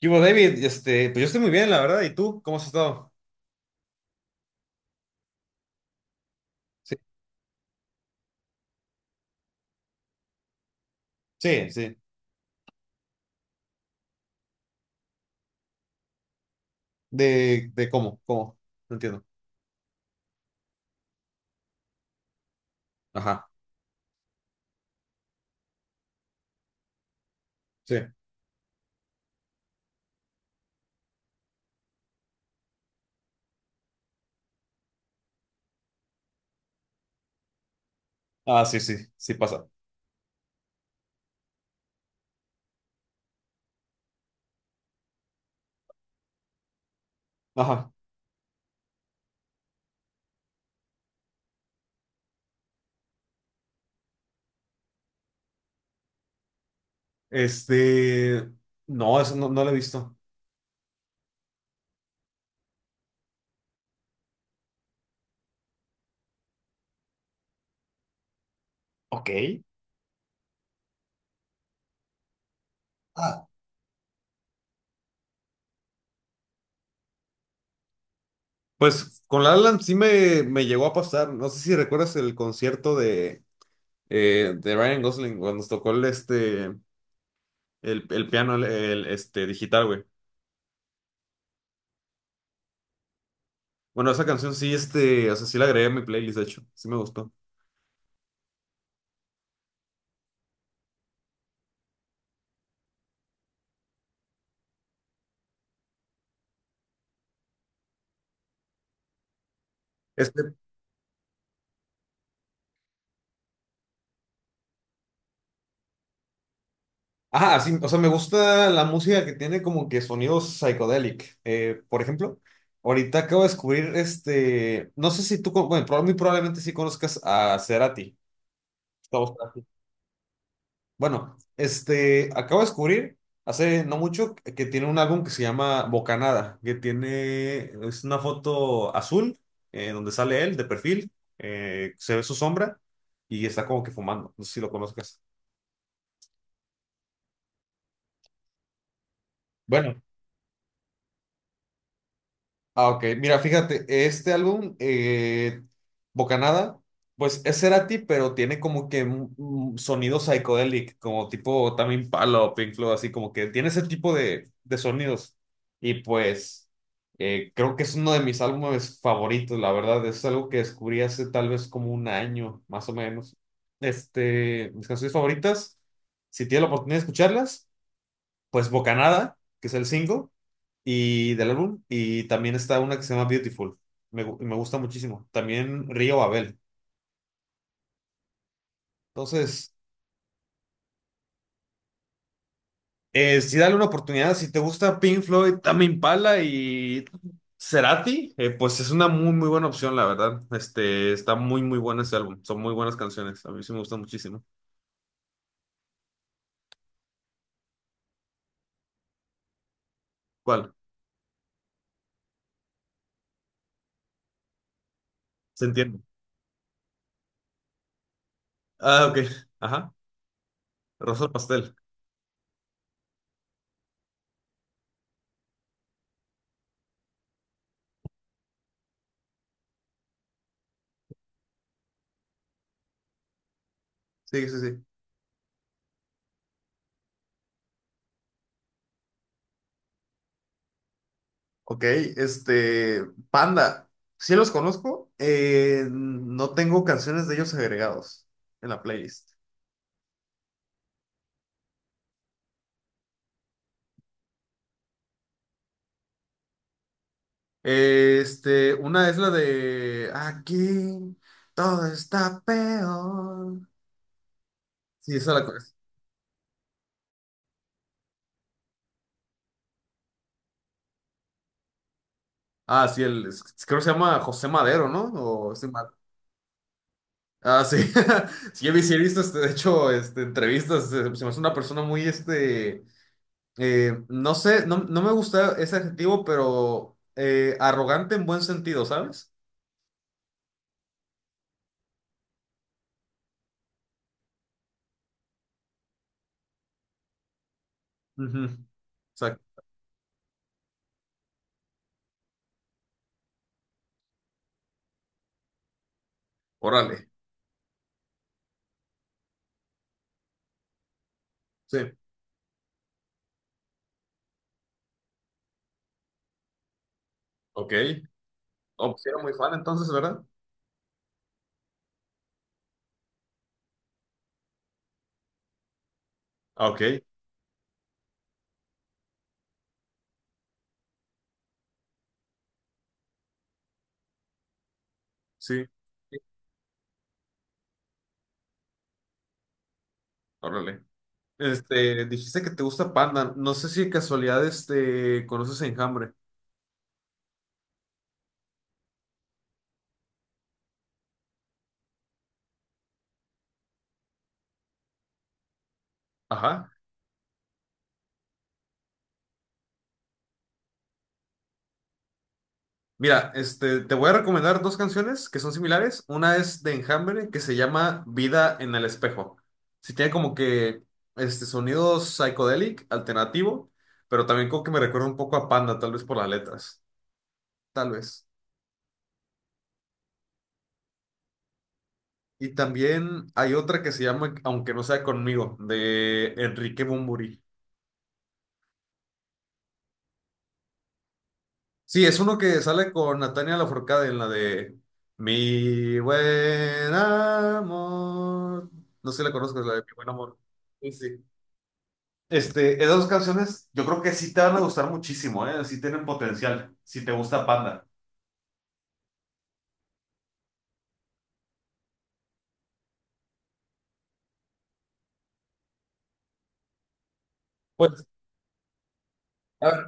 Y bueno, David, pues yo estoy muy bien, la verdad. ¿Y tú? ¿Cómo has estado? Sí, sí, sí. ¿De cómo? No entiendo. Ajá, sí. Ah, sí, sí, sí pasa. Ajá. Este, no, eso no, no lo he visto. Ok. Ah. Pues con La La Land sí me llegó a pasar. No sé si recuerdas el concierto de Ryan Gosling cuando nos tocó el, este, el piano el digital, güey. Bueno, esa canción sí, este, o sea, sí la agregué a mi playlist, de hecho. Sí me gustó. Este, ajá, sí, o sea, me gusta la música que tiene como que sonidos psicodélicos. Por ejemplo, ahorita acabo de descubrir este, no sé si tú, bueno, muy probablemente sí conozcas a Cerati. Gustavo Cerati. Bueno, este, acabo de descubrir hace no mucho que tiene un álbum que se llama Bocanada, que tiene, es una foto azul, donde sale él de perfil, se ve su sombra y está como que fumando. No sé si lo conozcas. Bueno, ah, ok. Mira, fíjate, este álbum, Bocanada, pues es Cerati, pero tiene como que un sonido psychedelic, como tipo también Palo o Pink Floyd, así como que tiene ese tipo de sonidos. Y pues creo que es uno de mis álbumes favoritos, la verdad. Es algo que descubrí hace tal vez como un año, más o menos. Este, mis canciones favoritas, si tienes la oportunidad de escucharlas, pues Bocanada, que es el single y del álbum. Y también está una que se llama Beautiful. Me gusta muchísimo. También Río Babel. Entonces, sí dale una oportunidad. Si te gusta Pink Floyd, Tame Impala y Cerati, pues es una muy, muy buena opción, la verdad. Este, está muy, muy bueno ese álbum. Son muy buenas canciones. A mí sí me gusta muchísimo. ¿Cuál? Se entiende. Ah, ok. Ajá. Rosa Pastel. Sí, sí, sí. Ok, este, Panda, sí los conozco, no tengo canciones de ellos agregados en la playlist. Este, una es la de Aquí todo está peor. Sí, esa la conozco. Ah, sí, creo que se llama José Madero, ¿no? O estoy mal. Ah, sí. Sí, he visto, este, de hecho, este, entrevistas. Se me hace una persona muy, este, no sé, no, no me gusta ese adjetivo, pero arrogante en buen sentido, ¿sabes? Ujú. Exacto. Órale. Sí. Ok. Oh, pues era muy fan entonces, ¿verdad? Ah, ok. Sí. Sí. Órale. Este, dijiste que te gusta Panda. No sé si de casualidad, este, conoces a Enjambre. Ajá. Mira, este, te voy a recomendar dos canciones que son similares. Una es de Enjambre que se llama Vida en el Espejo. Sí tiene como que este sonido psicodélico, alternativo, pero también como que me recuerda un poco a Panda, tal vez por las letras, tal vez. Y también hay otra que se llama Aunque no sea conmigo, de Enrique Bunbury. Sí, es uno que sale con Natalia Lafourcade en la de Mi buen amor. No sé si la conozco, es la de Mi buen amor. Sí, sí. Este, esas dos canciones, yo creo que sí te van a gustar muchísimo, ¿eh? Sí tienen potencial, si te gusta Panda. Pues, a ver,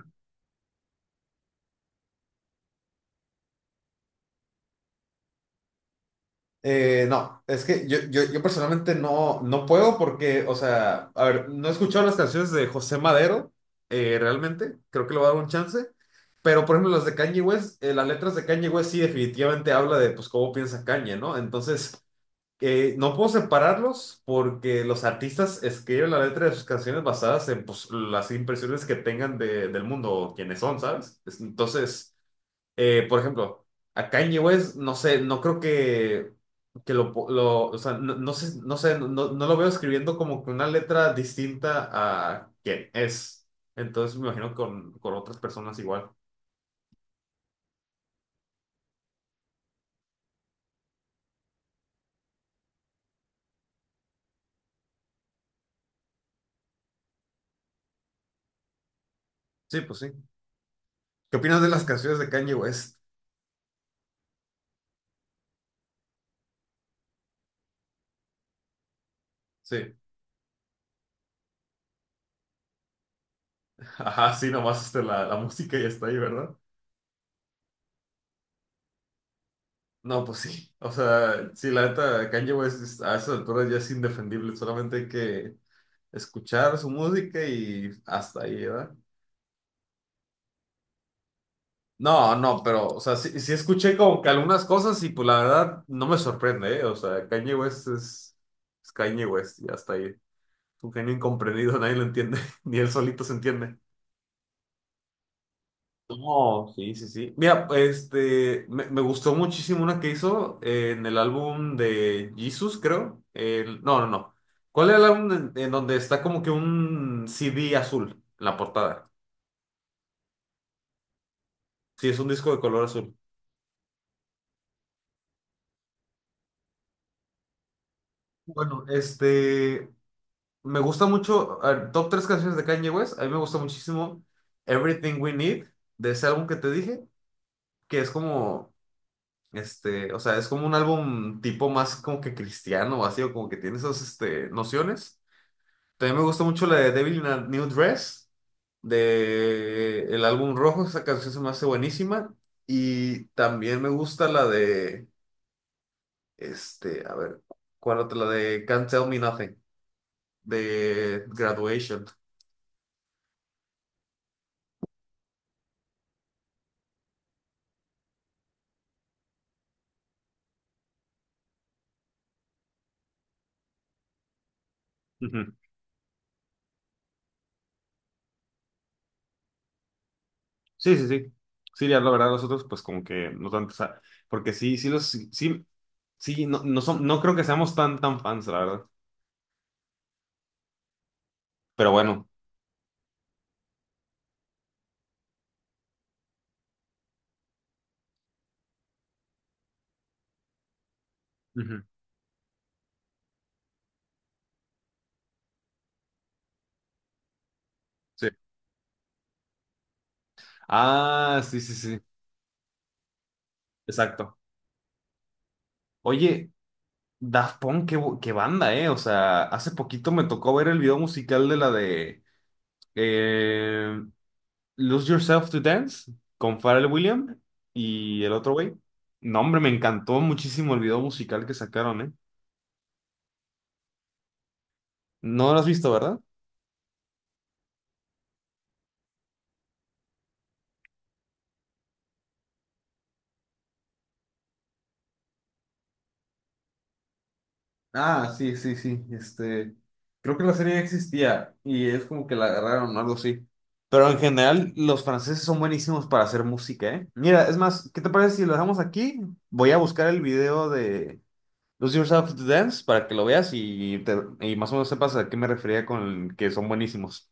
no, es que yo personalmente no, no puedo porque, o sea, a ver, no he escuchado las canciones de José Madero, realmente, creo que le voy a dar un chance, pero por ejemplo las de Kanye West, las letras de Kanye West sí definitivamente habla de, pues, cómo piensa Kanye, ¿no? Entonces, no puedo separarlos porque los artistas escriben la letra de sus canciones basadas en pues, las impresiones que tengan del mundo o quienes son, ¿sabes? Entonces, por ejemplo, a Kanye West, no sé, no creo que, o sea, no, no lo veo escribiendo como que una letra distinta a quien es. Entonces, me imagino con otras personas igual. Sí, pues sí. ¿Qué opinas de las canciones de Kanye West? Sí. Ajá, sí, nomás este, la música ya está ahí, ¿verdad? No, pues sí. O sea, sí, la neta, Kanye West a esas alturas ya es indefendible. Solamente hay que escuchar su música y hasta ahí, ¿verdad? No, no, pero, o sea, sí, sí escuché como que algunas cosas y pues la verdad no me sorprende, ¿eh? O sea, Kanye West es Kanye West y hasta ahí. Es un genio incomprendido, nadie lo entiende, ni él solito se entiende. No, sí, sí, sí. Mira, este, me gustó muchísimo una que hizo en el álbum de Jesus, creo. El- no, no, no. ¿Cuál era el álbum en donde está como que un CD azul en la portada? Sí, es un disco de color azul. Bueno, este, me gusta mucho, a ver, top 3 canciones de Kanye West, a mí me gusta muchísimo Everything We Need, de ese álbum que te dije, que es como, este, o sea, es como un álbum tipo más como que cristiano, así, o como que tiene esas, este, nociones. También me gusta mucho la de Devil in a New Dress, de el álbum rojo, esa canción se me hace buenísima. Y también me gusta la de, este, a ver, ¿cuál otra? La de Can't Tell Me Nothing, de Graduation. Ujú. Sí, sí, sí. Sí, ya la verdad, los otros, pues como que no tanto, o sea, porque sí, sí, los, sí, sí, sí, no, no, son, no creo que seamos tan, tan fans, la verdad. Pero bueno. Ujú. Sí. Ah, sí, sí, sí, exacto. Oye, Daft Punk, qué banda, ¿eh? O sea, hace poquito me tocó ver el video musical de la de eh, Lose Yourself to Dance con Pharrell Williams y el otro güey. No, hombre, me encantó muchísimo el video musical que sacaron, ¿eh? No lo has visto, ¿verdad? Ah, sí, sí, sí. Este, creo que la serie ya existía y es como que la agarraron o algo así. Pero en general, los franceses son buenísimos para hacer música, ¿eh? Mira, es más, ¿qué te parece si lo dejamos aquí? Voy a buscar el video de Lose Yourself to Dance para que lo veas y más o menos sepas a qué me refería con que son buenísimos.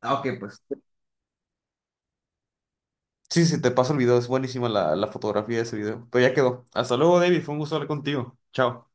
Ah, ok, pues. Sí, sí, te paso el video, es buenísima la fotografía de ese video. Pero ya quedó. Hasta luego, David, fue un gusto hablar contigo. Chao.